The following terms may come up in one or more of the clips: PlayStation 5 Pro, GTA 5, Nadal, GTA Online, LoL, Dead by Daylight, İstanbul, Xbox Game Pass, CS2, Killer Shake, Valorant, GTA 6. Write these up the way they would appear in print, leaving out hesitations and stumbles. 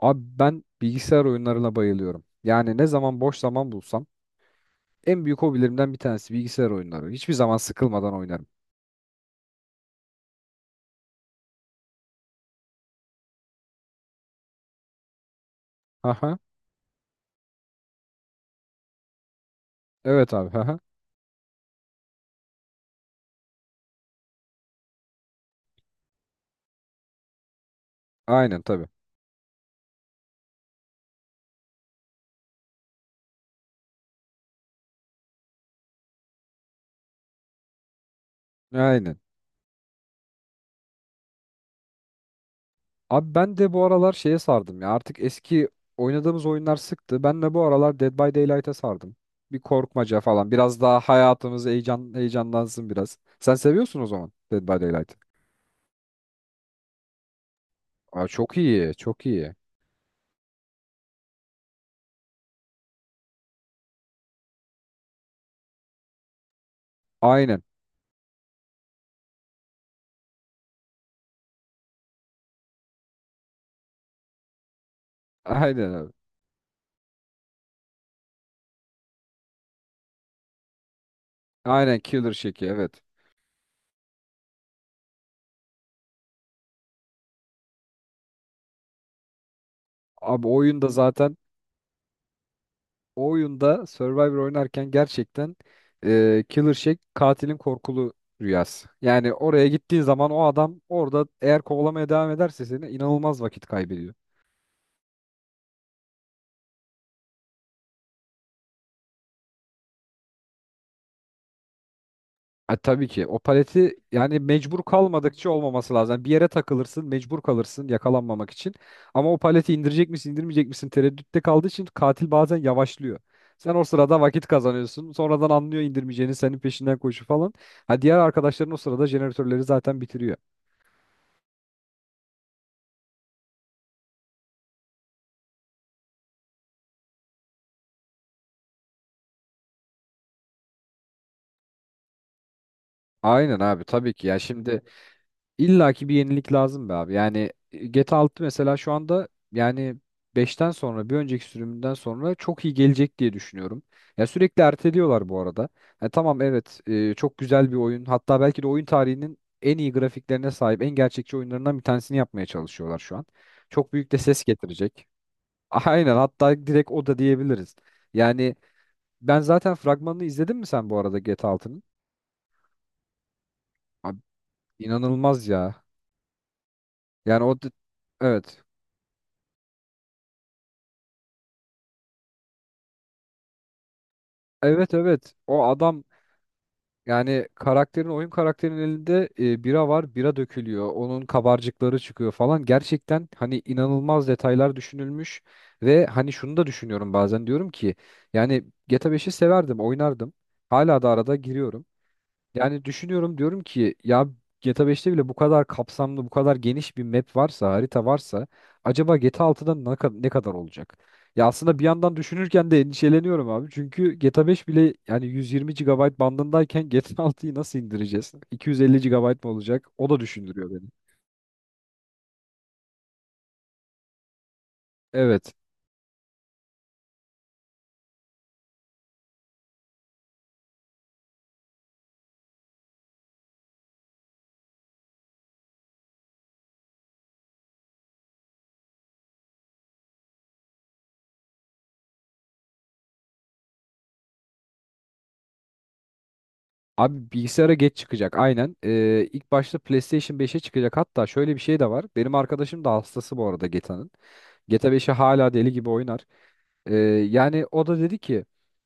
Abi ben bilgisayar oyunlarına bayılıyorum. Yani ne zaman boş zaman bulsam en büyük hobilerimden bir tanesi bilgisayar oyunları. Hiçbir zaman sıkılmadan oynarım. Aha. Evet abi. Aha. Aynen tabii. Aynen. Abi ben de bu aralar şeye sardım ya. Artık eski oynadığımız oyunlar sıktı. Ben de bu aralar Dead by Daylight'a sardım. Bir korkmaca falan. Biraz daha hayatımız heyecanlansın biraz. Sen seviyorsun o zaman Dead by Daylight'ı. Aa, çok iyi. Çok iyi. Aynen. Aynen abi. Aynen Killer Shake'i, evet. Abi oyunda zaten o oyunda Survivor oynarken gerçekten Killer Shake katilin korkulu rüyası. Yani oraya gittiğin zaman o adam orada eğer kovalamaya devam ederse seni inanılmaz vakit kaybediyor. Ha, tabii ki o paleti yani mecbur kalmadıkça olmaması lazım. Yani bir yere takılırsın, mecbur kalırsın yakalanmamak için. Ama o paleti indirecek misin, indirmeyecek misin tereddütte kaldığı için katil bazen yavaşlıyor. Sen o sırada vakit kazanıyorsun. Sonradan anlıyor indirmeyeceğini, senin peşinden koşu falan. Ha, diğer arkadaşların o sırada jeneratörleri zaten bitiriyor. Aynen abi, tabii ki ya şimdi illaki bir yenilik lazım be abi. Yani GTA 6 mesela şu anda yani beşten sonra bir önceki sürümünden sonra çok iyi gelecek diye düşünüyorum. Ya sürekli erteliyorlar bu arada. Ha tamam, evet, çok güzel bir oyun. Hatta belki de oyun tarihinin en iyi grafiklerine sahip en gerçekçi oyunlarından bir tanesini yapmaya çalışıyorlar şu an. Çok büyük de ses getirecek. Aynen, hatta direkt o da diyebiliriz. Yani ben zaten fragmanını izledin mi sen bu arada GTA 6'nın? Abi, inanılmaz ya. Yani, evet. Evet evet. O adam, yani oyun karakterinin elinde bira var. Bira dökülüyor. Onun kabarcıkları çıkıyor falan. Gerçekten hani inanılmaz detaylar düşünülmüş ve hani şunu da düşünüyorum bazen, diyorum ki yani GTA 5'i severdim, oynardım. Hala da arada giriyorum. Yani düşünüyorum, diyorum ki ya GTA 5'te bile bu kadar kapsamlı, bu kadar geniş bir map varsa, harita varsa acaba GTA 6'da ne kadar olacak? Ya aslında bir yandan düşünürken de endişeleniyorum abi. Çünkü GTA 5 bile yani 120 gigabayt bandındayken GTA 6'yı nasıl indireceğiz? 250 gigabayt mı olacak? O da düşündürüyor beni. Evet. Abi bilgisayara geç çıkacak aynen. İlk başta PlayStation 5'e çıkacak. Hatta şöyle bir şey de var. Benim arkadaşım da hastası bu arada GTA'nın. GTA 5'i hala deli gibi oynar. Ee, Yani o da dedi ki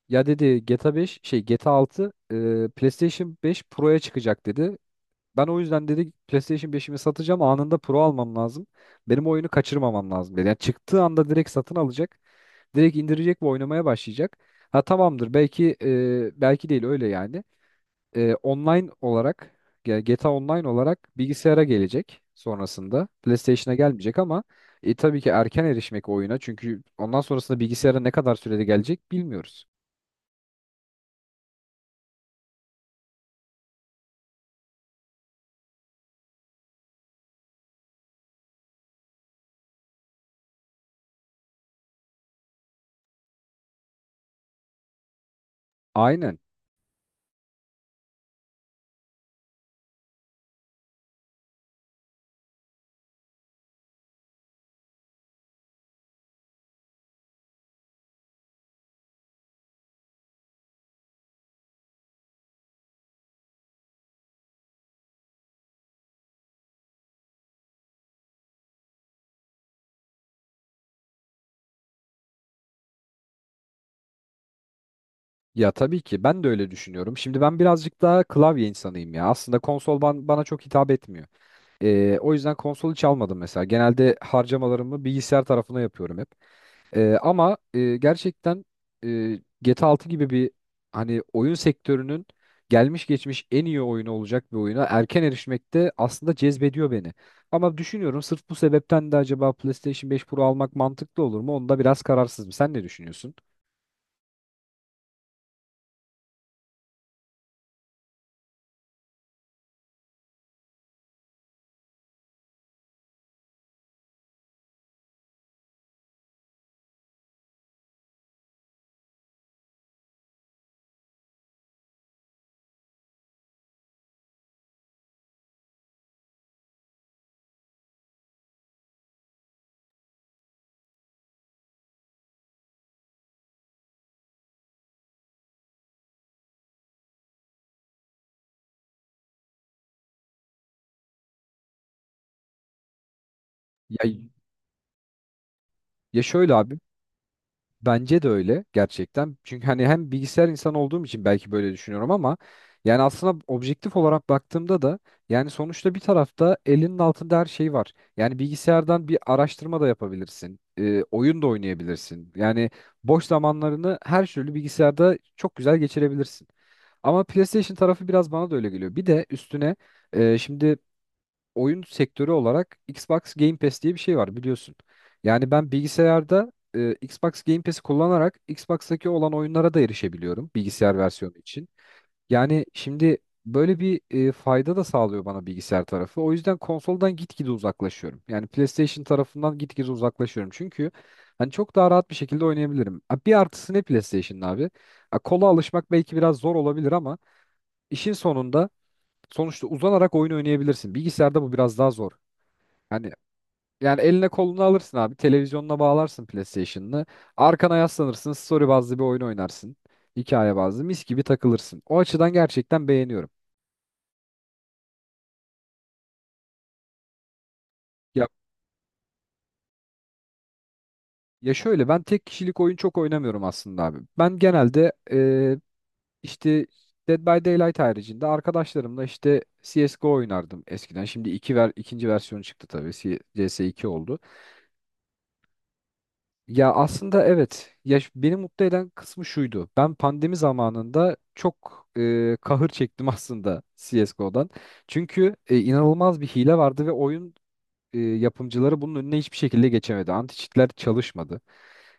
ya dedi GTA 6, PlayStation 5 Pro'ya çıkacak dedi. Ben o yüzden dedi PlayStation 5'imi satacağım, anında Pro almam lazım. Benim oyunu kaçırmamam lazım dedi. Yani çıktığı anda direkt satın alacak. Direkt indirecek ve oynamaya başlayacak. Ha tamamdır, belki belki değil öyle yani, online olarak GTA Online olarak bilgisayara gelecek sonrasında. PlayStation'a gelmeyecek, ama tabii ki erken erişmek oyuna, çünkü ondan sonrasında bilgisayara ne kadar sürede gelecek bilmiyoruz. Aynen. Ya tabii ki ben de öyle düşünüyorum. Şimdi ben birazcık daha klavye insanıyım ya. Aslında konsol bana çok hitap etmiyor. O yüzden konsol hiç almadım mesela. Genelde harcamalarımı bilgisayar tarafına yapıyorum hep. Ama gerçekten, GTA 6 gibi bir, hani oyun sektörünün gelmiş geçmiş en iyi oyunu olacak bir oyuna erken erişmek de aslında cezbediyor beni. Ama düşünüyorum sırf bu sebepten de acaba PlayStation 5 Pro almak mantıklı olur mu? Onda biraz kararsızım. Sen ne düşünüyorsun? Ya, ya şöyle abi, bence de öyle gerçekten. Çünkü hani hem bilgisayar insanı olduğum için belki böyle düşünüyorum ama yani aslında objektif olarak baktığımda da yani sonuçta bir tarafta elinin altında her şey var. Yani bilgisayardan bir araştırma da yapabilirsin, oyun da oynayabilirsin. Yani boş zamanlarını her türlü bilgisayarda çok güzel geçirebilirsin. Ama PlayStation tarafı biraz bana da öyle geliyor. Bir de üstüne şimdi oyun sektörü olarak Xbox Game Pass diye bir şey var biliyorsun. Yani ben bilgisayarda Xbox Game Pass'i kullanarak Xbox'taki olan oyunlara da erişebiliyorum bilgisayar versiyonu için. Yani şimdi böyle bir fayda da sağlıyor bana bilgisayar tarafı. O yüzden konsoldan gitgide uzaklaşıyorum. Yani PlayStation tarafından gitgide uzaklaşıyorum. Çünkü hani çok daha rahat bir şekilde oynayabilirim. Ha, bir artısı ne PlayStation'ın abi? Ha, kola alışmak belki biraz zor olabilir ama işin sonunda sonuçta uzanarak oyun oynayabilirsin. Bilgisayarda bu biraz daha zor. Hani yani eline kolunu alırsın abi. Televizyonuna bağlarsın PlayStation'ını. Arkana yaslanırsın. Story bazlı bir oyun oynarsın. Hikaye bazlı. Mis gibi takılırsın. O açıdan gerçekten beğeniyorum. Ya, ya şöyle, ben tek kişilik oyun çok oynamıyorum aslında abi. Ben genelde işte Dead by Daylight haricinde arkadaşlarımla işte CSGO oynardım eskiden. Şimdi ikinci versiyonu çıktı tabii. CS2 oldu. Ya aslında evet. Ya beni mutlu eden kısmı şuydu. Ben pandemi zamanında çok kahır çektim aslında CS:GO'dan. Çünkü inanılmaz bir hile vardı ve oyun yapımcıları bunun önüne hiçbir şekilde geçemedi. Anti cheat'ler çalışmadı.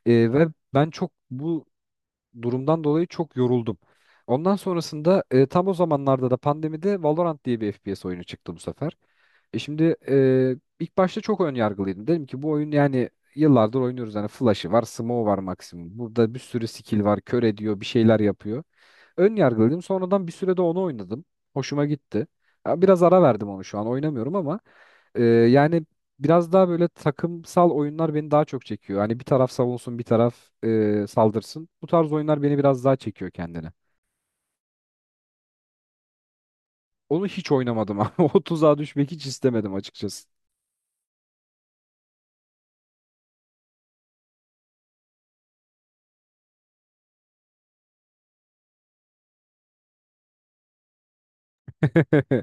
Ve ben çok bu durumdan dolayı çok yoruldum. Ondan sonrasında tam o zamanlarda da pandemide Valorant diye bir FPS oyunu çıktı bu sefer. Şimdi ilk başta çok ön yargılıydım. Dedim ki bu oyun yani yıllardır oynuyoruz. Hani flash'ı var, smoke'u var maksimum. Burada bir sürü skill var, kör ediyor, bir şeyler yapıyor. Ön yargılıydım. Sonradan bir sürede onu oynadım. Hoşuma gitti. Ya biraz ara verdim, onu şu an oynamıyorum ama yani biraz daha böyle takımsal oyunlar beni daha çok çekiyor. Hani bir taraf savunsun, bir taraf saldırsın. Bu tarz oyunlar beni biraz daha çekiyor kendine. Onu hiç oynamadım ama o tuzağa düşmek hiç istemedim açıkçası.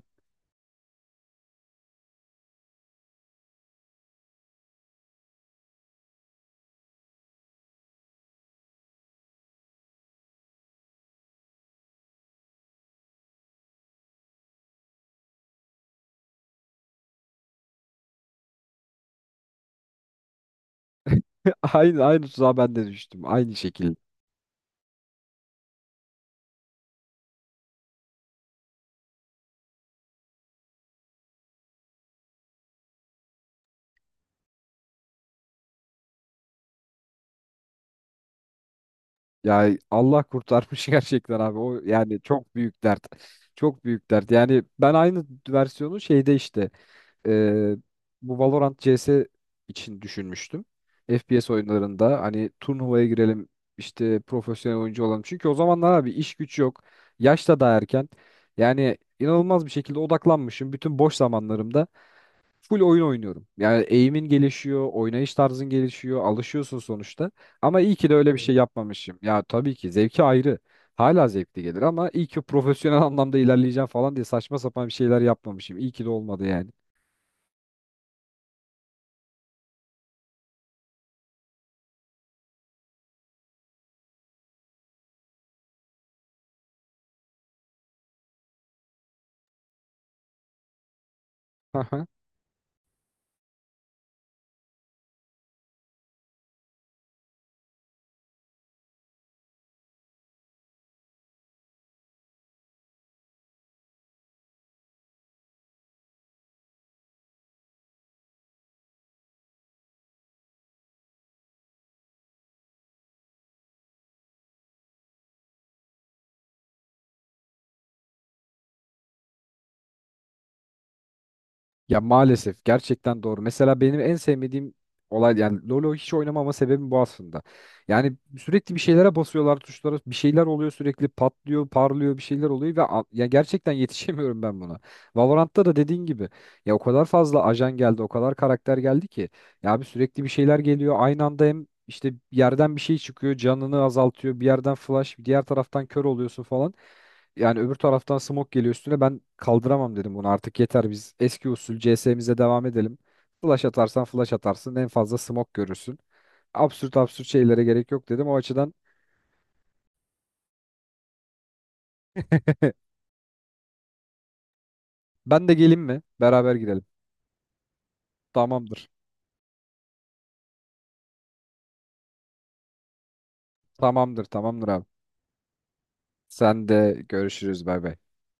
Aynı tuzağa ben de düştüm. Aynı şekilde. Ya Allah kurtarmış gerçekten abi. O yani çok büyük dert. Çok büyük dert. Yani ben aynı versiyonu şeyde işte e, bu Valorant CS için düşünmüştüm. FPS oyunlarında hani turnuvaya girelim işte profesyonel oyuncu olalım. Çünkü o zamanlar abi iş güç yok. Yaş da daha erken. Yani inanılmaz bir şekilde odaklanmışım. Bütün boş zamanlarımda full oyun oynuyorum. Yani eğimin gelişiyor, oynayış tarzın gelişiyor, alışıyorsun sonuçta. Ama iyi ki de öyle bir şey, tabii, yapmamışım. Ya tabii ki zevki ayrı. Hala zevkli gelir ama iyi ki profesyonel anlamda ilerleyeceğim falan diye saçma sapan bir şeyler yapmamışım. İyi ki de olmadı yani. Ya maalesef gerçekten doğru. Mesela benim en sevmediğim olay, yani LoL'ü hiç oynamama sebebim bu aslında. Yani sürekli bir şeylere basıyorlar tuşlara, bir şeyler oluyor sürekli patlıyor parlıyor bir şeyler oluyor ve ya gerçekten yetişemiyorum ben buna. Valorant'ta da dediğin gibi ya o kadar fazla ajan geldi o kadar karakter geldi ki ya abi sürekli bir şeyler geliyor aynı anda, hem işte yerden bir şey çıkıyor canını azaltıyor, bir yerden flash diğer taraftan kör oluyorsun falan. Yani öbür taraftan smoke geliyor üstüne. Ben kaldıramam dedim bunu. Artık yeter biz eski usul CS'mize devam edelim. Flash atarsan flash atarsın. En fazla smoke görürsün. Absürt absürt şeylere gerek yok dedim. O açıdan ben de geleyim mi? Beraber girelim. Tamamdır. Tamamdır, tamamdır abi. Sen de görüşürüz. Bay bay.